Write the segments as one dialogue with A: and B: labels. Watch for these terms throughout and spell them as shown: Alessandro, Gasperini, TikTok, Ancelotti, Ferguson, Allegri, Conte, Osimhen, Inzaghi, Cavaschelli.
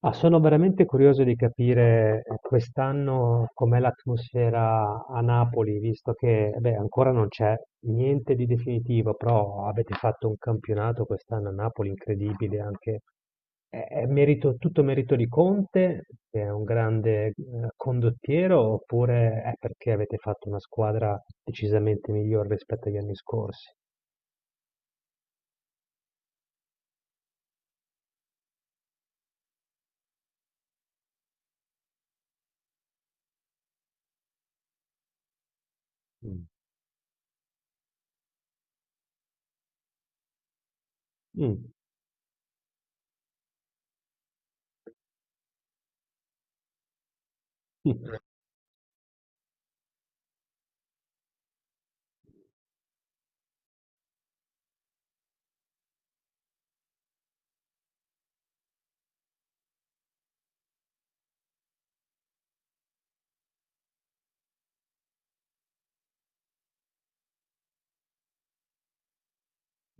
A: Ah, sono veramente curioso di capire quest'anno com'è l'atmosfera a Napoli, visto che beh, ancora non c'è niente di definitivo, però avete fatto un campionato quest'anno a Napoli incredibile, anche è merito, tutto merito di Conte, che è un grande condottiero, oppure è perché avete fatto una squadra decisamente migliore rispetto agli anni scorsi? Mm. Mm.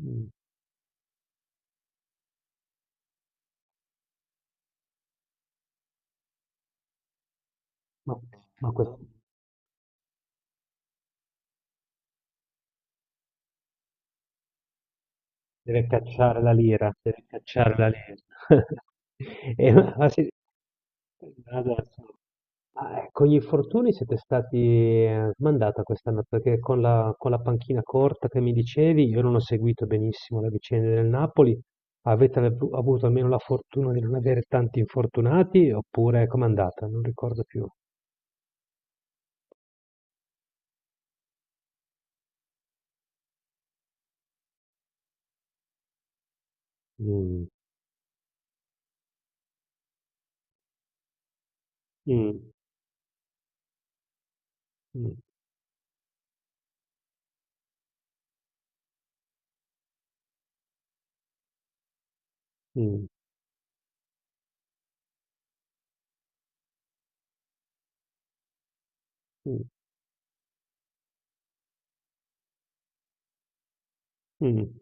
A: Mm. Ma, ma questo. Deve cacciare la lira, deve cacciare la lira. E ma- ma se- adesso, ma, con gli infortuni siete stati smandata quest'anno perché con la panchina corta che mi dicevi, io non ho seguito benissimo la vicenda del Napoli. Avete avuto almeno la fortuna di non avere tanti infortunati oppure com'è andata? Non ricordo più. Mm, mm, mm, mm, mm, mm.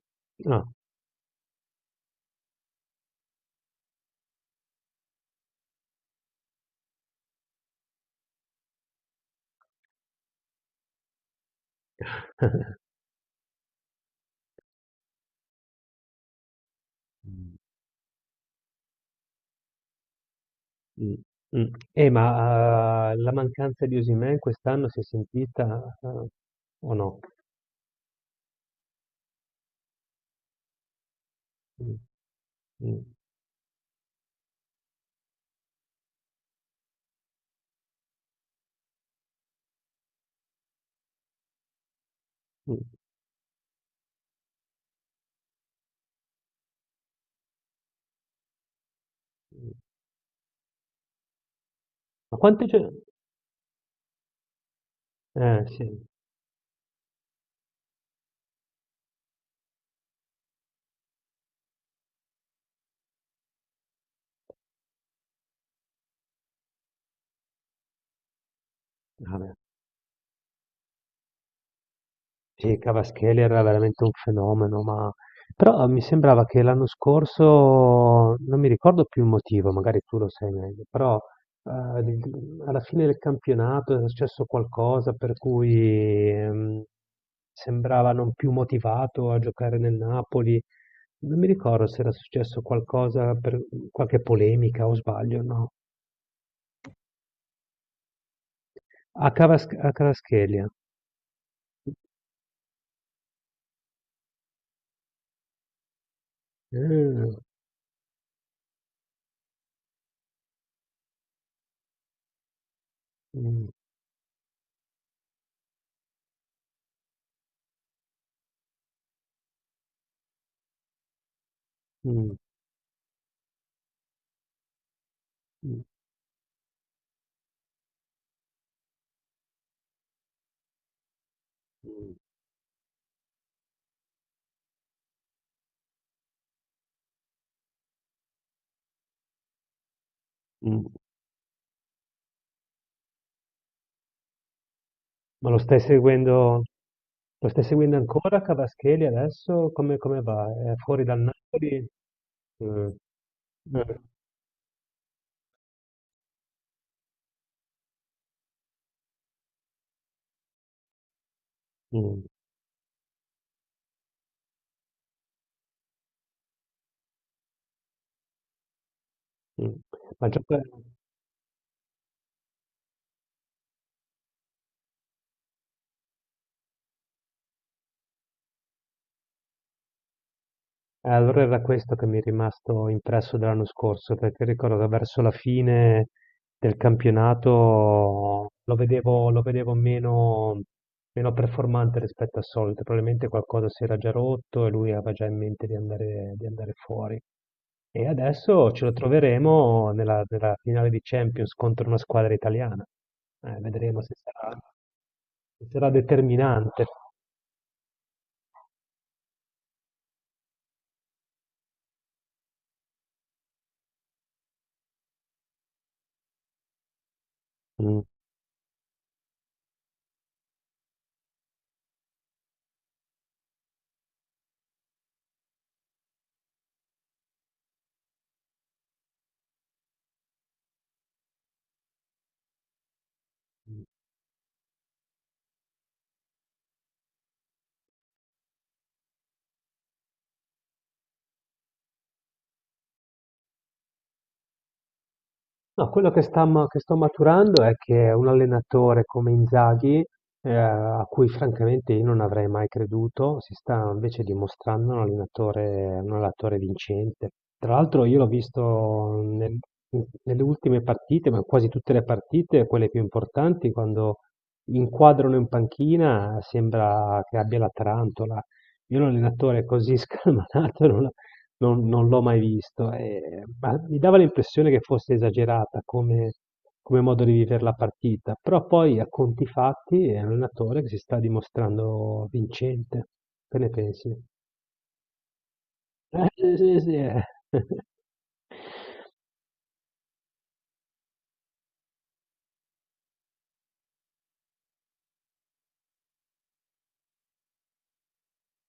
A: Ah. Mh, mh. Ma, la mancanza di Osimhen quest'anno si è sentita, o no? Mh, mh, mh, mh. Ma quante gio Eh, sì. Vabbè. Sì, Cavaschelli era veramente un fenomeno, ma però mi sembrava che l'anno scorso, non mi ricordo più il motivo, magari tu lo sai meglio, però eh, di- alla fine del campionato è successo qualcosa per cui sembrava non più motivato a giocare nel Napoli. Non mi ricordo se era successo qualcosa per qualche polemica o sbaglio, no? A Cavaschelli. Eh. Mm, mm, mm, mm, mm. Ma lo stai seguendo ancora Cavaschelli adesso? Come, come va? È fuori dal Napoli? Mm, mm, mm, mm. Ma gioca, allora era questo che mi è rimasto impresso dell'anno scorso, perché ricordo che verso la fine del campionato lo vedevo meno, meno performante rispetto al solito, probabilmente qualcosa si era già rotto e lui aveva già in mente di andare fuori. E adesso ce lo troveremo nella finale di Champions contro una squadra italiana. Vedremo se sarà determinante. Mm. No, quello che che sto maturando è che un allenatore come Inzaghi, a cui francamente io non avrei mai creduto, si sta invece dimostrando un allenatore vincente. Tra l'altro io l'ho nelle ultime partite, ma quasi tutte le partite, quelle più importanti, quando inquadrano in panchina sembra che abbia la tarantola. Io un allenatore così scalmanato non, non l'ho mai visto, ma mi dava l'impressione che fosse esagerata come come modo di viver la partita, però poi a conti fatti è un allenatore che si sta dimostrando vincente. Che ne pensi? Sì, sì, sì, eh.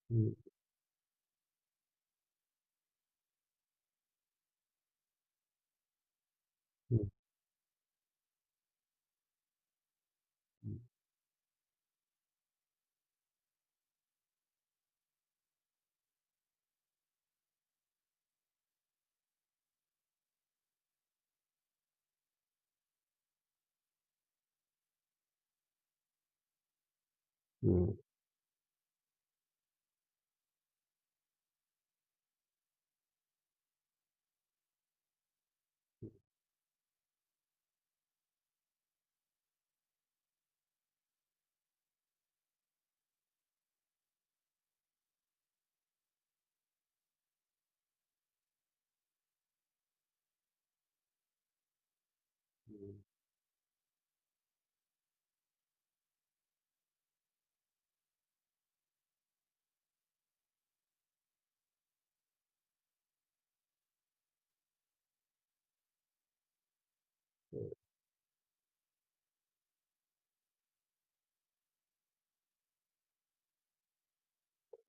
A: Mh, mh, mh.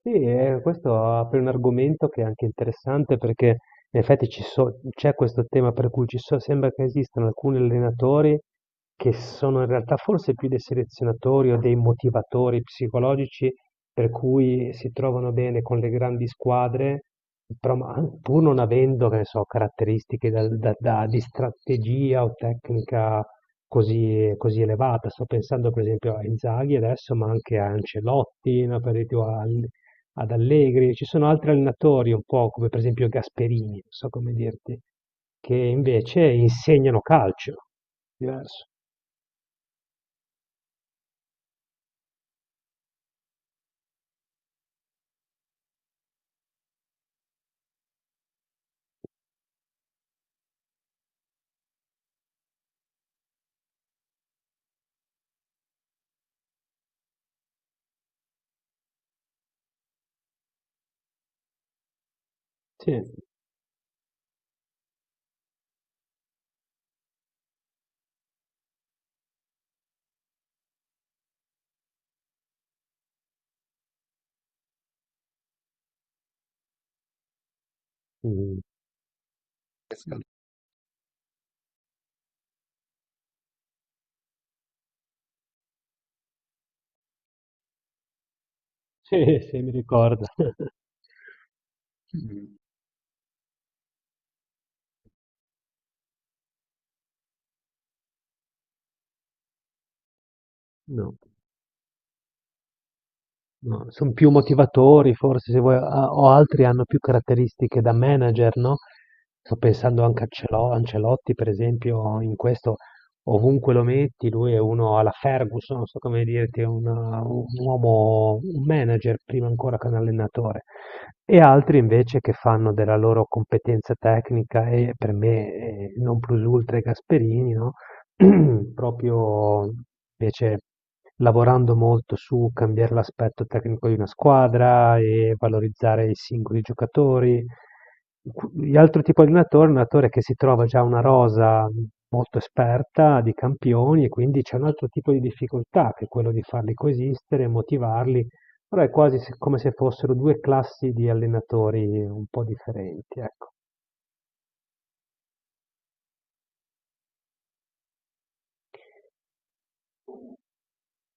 A: Sì, questo apre un argomento che è anche interessante perché in effetti c'è questo tema per cui sembra che esistano alcuni allenatori che sono in realtà forse più dei selezionatori o dei motivatori psicologici per cui si trovano bene con le grandi squadre, però pur non avendo, che ne so, caratteristiche di strategia o tecnica così, così elevata. Sto pensando per esempio a Inzaghi adesso, ma anche a Ancelotti, no, per esempio, ad Allegri, ci sono altri allenatori un po' come per esempio Gasperini, non so come dirti, che invece insegnano calcio, diverso. Sì, Mm. Sì, sì, mi ricordo. No. No, son più motivatori forse se vuoi, a o altri hanno più caratteristiche da manager, no, sto pensando anche a Celo Ancelotti per esempio in questo, ovunque lo metti lui è uno alla Ferguson, non so come dirti, è una un uomo un manager prima ancora che un allenatore. E altri invece che fanno della loro competenza tecnica e per me, non plus ultra è Gasperini, no, proprio invece lavorando molto su cambiare l'aspetto tecnico di una squadra e valorizzare i singoli giocatori. L'altro tipo di allenatore è un allenatore che si trova già una rosa molto esperta di campioni e quindi c'è un altro tipo di difficoltà che è quello di farli coesistere, motivarli, però è quasi come se fossero due classi di allenatori un po' differenti, ecco.